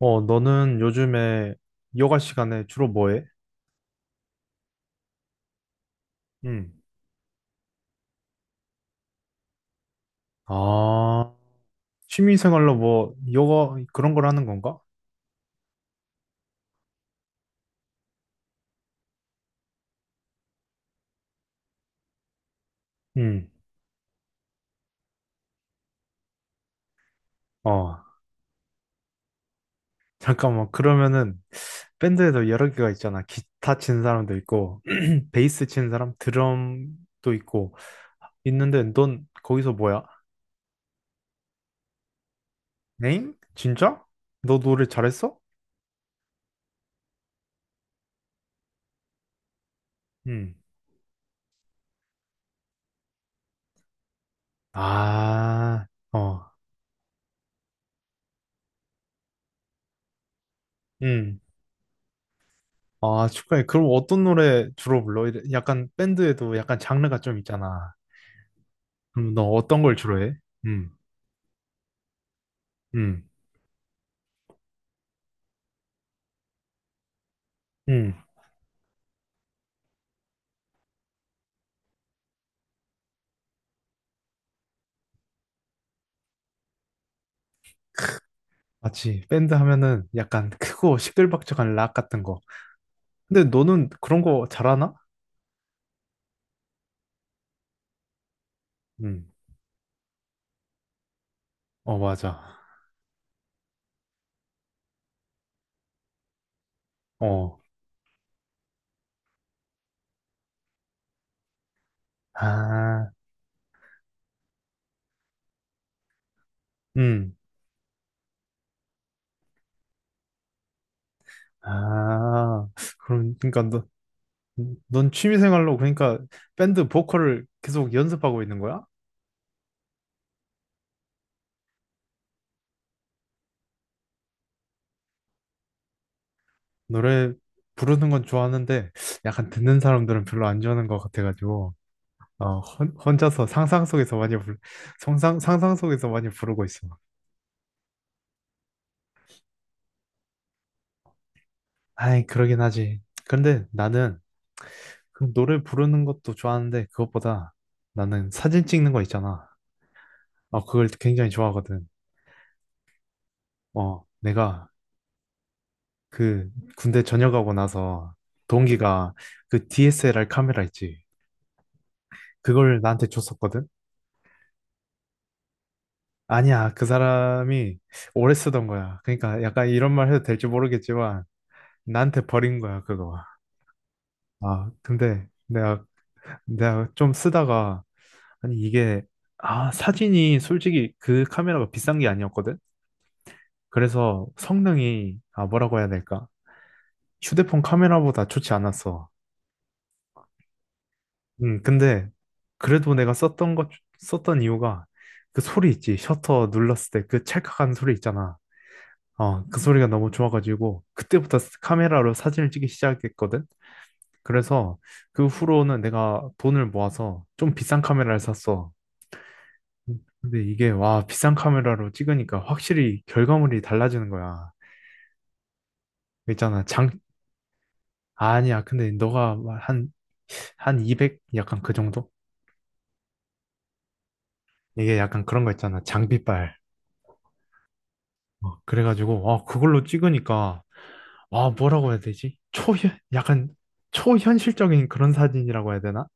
너는 요즘에 여가 시간에 주로 뭐 해? 응. 아, 취미 생활로 뭐 여가 그런 걸 하는 건가? 응. 어, 잠깐만. 그러면은 밴드에도 여러 개가 있잖아. 기타 친 사람도 있고, 베이스 친 사람, 드럼도 있고 있는데 넌 거기서 뭐야? 엥? 진짜? 너 노래 잘했어? 응. 아, 어. 응. 아, 축하해. 그럼 어떤 노래 주로 불러? 약간 밴드에도 약간 장르가 좀 있잖아. 그럼 너 어떤 걸 주로 해? 음, 음, 음. 맞지. 밴드 하면은 약간 크고 시끌벅적한 락 같은 거. 근데 너는 그런 거 잘하나? 음, 어, 맞아. 어, 아, 음, 아. 그럼, 그러니까 너, 넌 취미생활로 그러니까 밴드 보컬을 계속 연습하고 있는 거야? 노래 부르는 건 좋아하는데 약간 듣는 사람들은 별로 안 좋아하는 것 같아가지고. 혼자서 상상 속에서 많이 상상 속에서 많이 부르고 있어. 아이, 그러긴 하지. 근데 나는 그 노래 부르는 것도 좋아하는데 그것보다 나는 사진 찍는 거 있잖아. 그걸 굉장히 좋아하거든. 내가 그 군대 전역하고 나서 동기가 그 DSLR 카메라 있지. 그걸 나한테 줬었거든. 아니야, 그 사람이 오래 쓰던 거야. 그러니까 약간 이런 말 해도 될지 모르겠지만 나한테 버린 거야, 그거. 아, 근데 내가 좀 쓰다가 아니 이게 사진이 솔직히 그 카메라가 비싼 게 아니었거든. 그래서 성능이 뭐라고 해야 될까? 휴대폰 카메라보다 좋지 않았어. 근데 그래도 내가 썼던 이유가 그 소리 있지 셔터 눌렀을 때 그 찰칵하는 소리 있잖아. 그 소리가 너무 좋아가지고 그때부터 카메라로 사진을 찍기 시작했거든. 그래서 그 후로는 내가 돈을 모아서 좀 비싼 카메라를 샀어. 근데 이게 와 비싼 카메라로 찍으니까 확실히 결과물이 달라지는 거야. 있잖아 장 아니야 근데 너가 한한 200 약간 그 정도? 이게 약간 그런 거 있잖아 장비빨. 그래가지고 그걸로 찍으니까 뭐라고 해야 되지? 초현 약간 초현실적인 그런 사진이라고 해야 되나?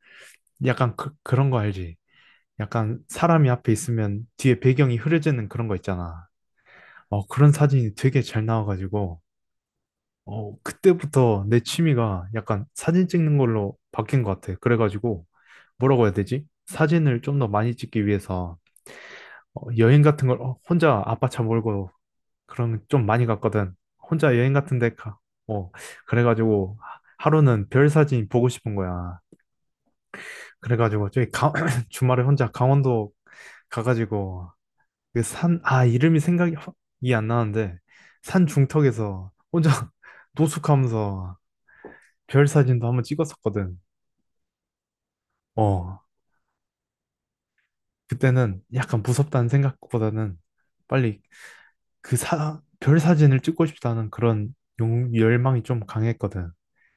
약간 그런 거 알지? 약간 사람이 앞에 있으면 뒤에 배경이 흐려지는 그런 거 있잖아. 그런 사진이 되게 잘 나와가지고. 그때부터 내 취미가 약간 사진 찍는 걸로 바뀐 것 같아. 그래가지고 뭐라고 해야 되지? 사진을 좀 더 많이 찍기 위해서 여행 같은 걸 혼자 아빠 차 몰고 그런 거좀 많이 갔거든. 혼자 여행 같은 데 가. 어, 그래가지고 하루는 별 사진 보고 싶은 거야. 그래가지고 저기 주말에 혼자 강원도 가가지고 그 산, 아, 이름이 생각이 이안 나는데 산 중턱에서 혼자 노숙하면서 별 사진도 한번 찍었었거든. 어, 그때는 약간 무섭다는 생각보다는 빨리 그 별 사진을 찍고 싶다는 그런 열망이 좀 강했거든.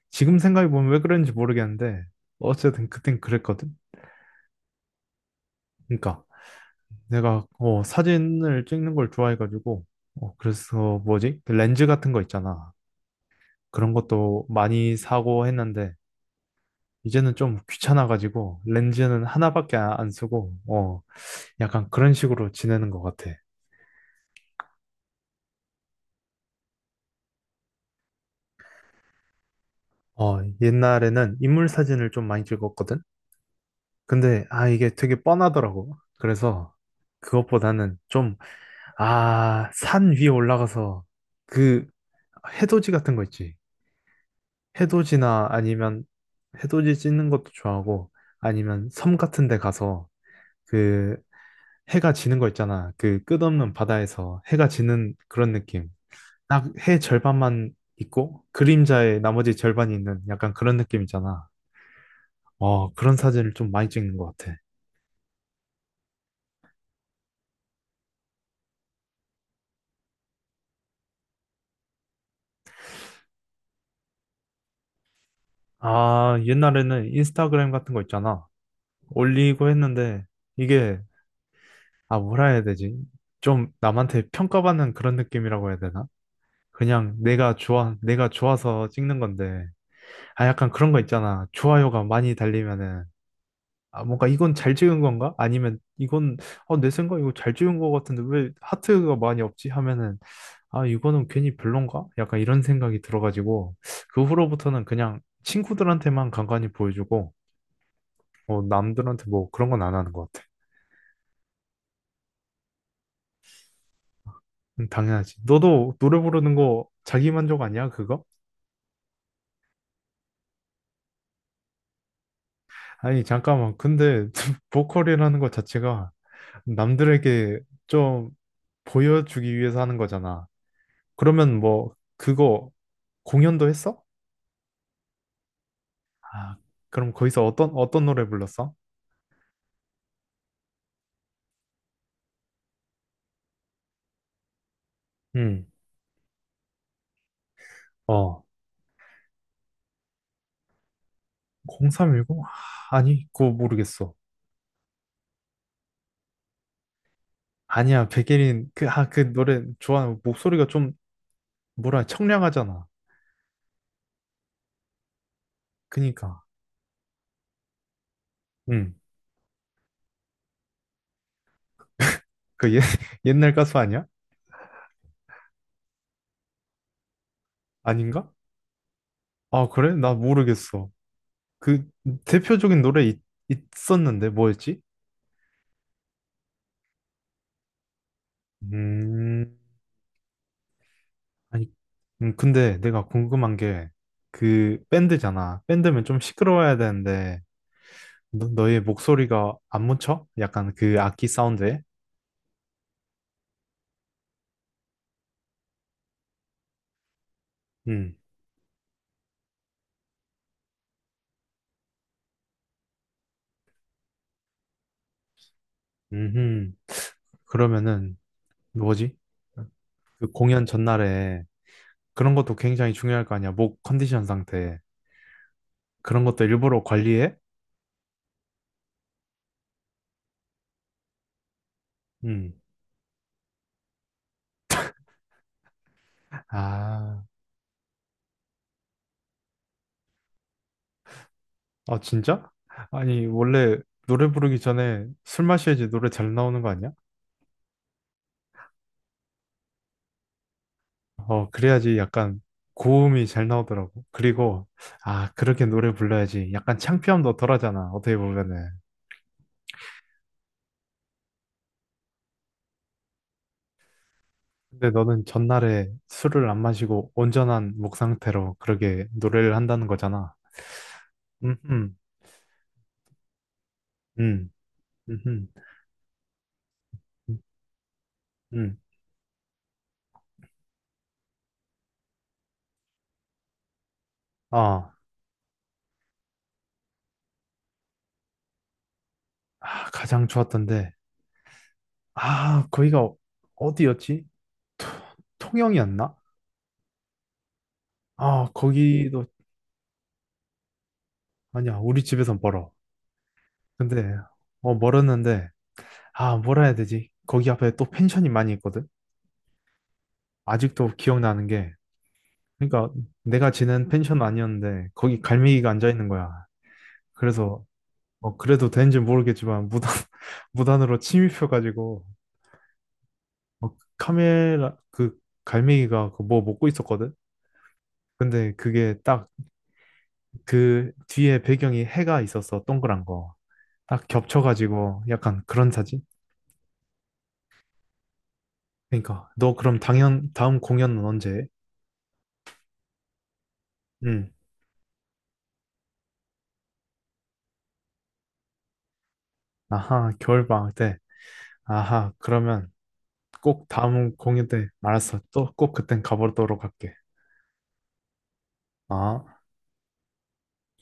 지금 생각해보면 왜 그런지 모르겠는데, 어쨌든 그땐 그랬거든. 그러니까 내가 사진을 찍는 걸 좋아해가지고, 그래서 뭐지? 그 렌즈 같은 거 있잖아. 그런 것도 많이 사고 했는데, 이제는 좀 귀찮아가지고, 렌즈는 하나밖에 안 쓰고, 약간 그런 식으로 지내는 것 같아. 옛날에는 인물 사진을 좀 많이 찍었거든? 근데, 아, 이게 되게 뻔하더라고. 그래서, 그것보다는 좀, 아, 산 위에 올라가서, 그, 해돋이 같은 거 있지. 해돋이나 아니면, 해돋이 찍는 것도 좋아하고, 아니면 섬 같은 데 가서, 그, 해가 지는 거 있잖아. 그 끝없는 바다에서 해가 지는 그런 느낌. 딱 해 절반만 있고, 그림자의 나머지 절반이 있는 약간 그런 느낌 있잖아. 와, 그런 사진을 좀 많이 찍는 것 같아. 아, 옛날에는 인스타그램 같은 거 있잖아. 올리고 했는데, 이게, 아, 뭐라 해야 되지? 좀 남한테 평가받는 그런 느낌이라고 해야 되나? 그냥 내가 좋아서 찍는 건데, 아, 약간 그런 거 있잖아. 좋아요가 많이 달리면은, 아, 뭔가 이건 잘 찍은 건가? 아니면 이건, 내 생각 이거 잘 찍은 것 같은데 왜 하트가 많이 없지? 하면은, 아, 이거는 괜히 별론가? 약간 이런 생각이 들어가지고, 그 후로부터는 그냥 친구들한테만 간간히 보여주고, 남들한테 뭐 그런 건 안 하는 것 같아. 당연하지. 너도 노래 부르는 거 자기 만족 아니야, 그거? 아니, 잠깐만. 근데 보컬이라는 것 자체가 남들에게 좀 보여주기 위해서 하는 거잖아. 그러면 뭐, 그거 공연도 했어? 아, 그럼 거기서 어떤 노래 불렀어? 응. 어, 0310? 아니, 그거 모르겠어. 아니야, 백예린, 그, 아, 그 노래 좋아. 목소리가 좀, 뭐라, 청량하잖아. 그니까. 응. 그 옛날 가수 아니야? 아닌가? 아, 그래? 나 모르겠어. 그, 대표적인 노래 있었는데, 뭐였지? 음, 아니, 근데 내가 궁금한 게, 그, 밴드잖아. 밴드면 좀 시끄러워야 되는데, 너의 목소리가 안 묻혀? 약간 그 악기 사운드에? 음, 음, 그러면은, 뭐지? 그 공연 전날에, 그런 것도 굉장히 중요할 거 아니야. 목 컨디션 상태. 그런 것도 일부러 관리해? 음. 아, 아, 진짜? 아니, 원래 노래 부르기 전에 술 마셔야지 노래 잘 나오는 거 아니야? 그래야지 약간 고음이 잘 나오더라고. 그리고, 아, 그렇게 노래 불러야지 약간 창피함도 덜하잖아. 어떻게 보면은. 근데 너는 전날에 술을 안 마시고 온전한 목 상태로 그렇게 노래를 한다는 거잖아. 음, 음, 음, 음, 음, 음. 아, 아, 가장 좋았던데. 아, 거기가 어- 디였지 토- 통영이었나? 아, 거기도 아니야. 우리 집에선 멀어. 근데 멀었는데 아, 뭐라 해야 되지? 거기 앞에 또 펜션이 많이 있거든. 아직도 기억나는 게 그러니까 내가 지낸 펜션 아니었는데 거기 갈매기가 앉아 있는 거야. 그래서 그래도 되는지 모르겠지만 무단 무단으로 침입해 가지고 카메라 그 갈매기가 그뭐 먹고 있었거든. 근데 그게 딱 그 뒤에 배경이 해가 있었어. 동그란 거. 딱 겹쳐가지고 약간 그런 사진? 그러니까 너 그럼 당연 다음 공연은 언제? 응. 아하, 겨울방학 때. 아하, 그러면 꼭 다음 공연 때 알았어. 또 꼭 그땐 가보도록 할게. 아.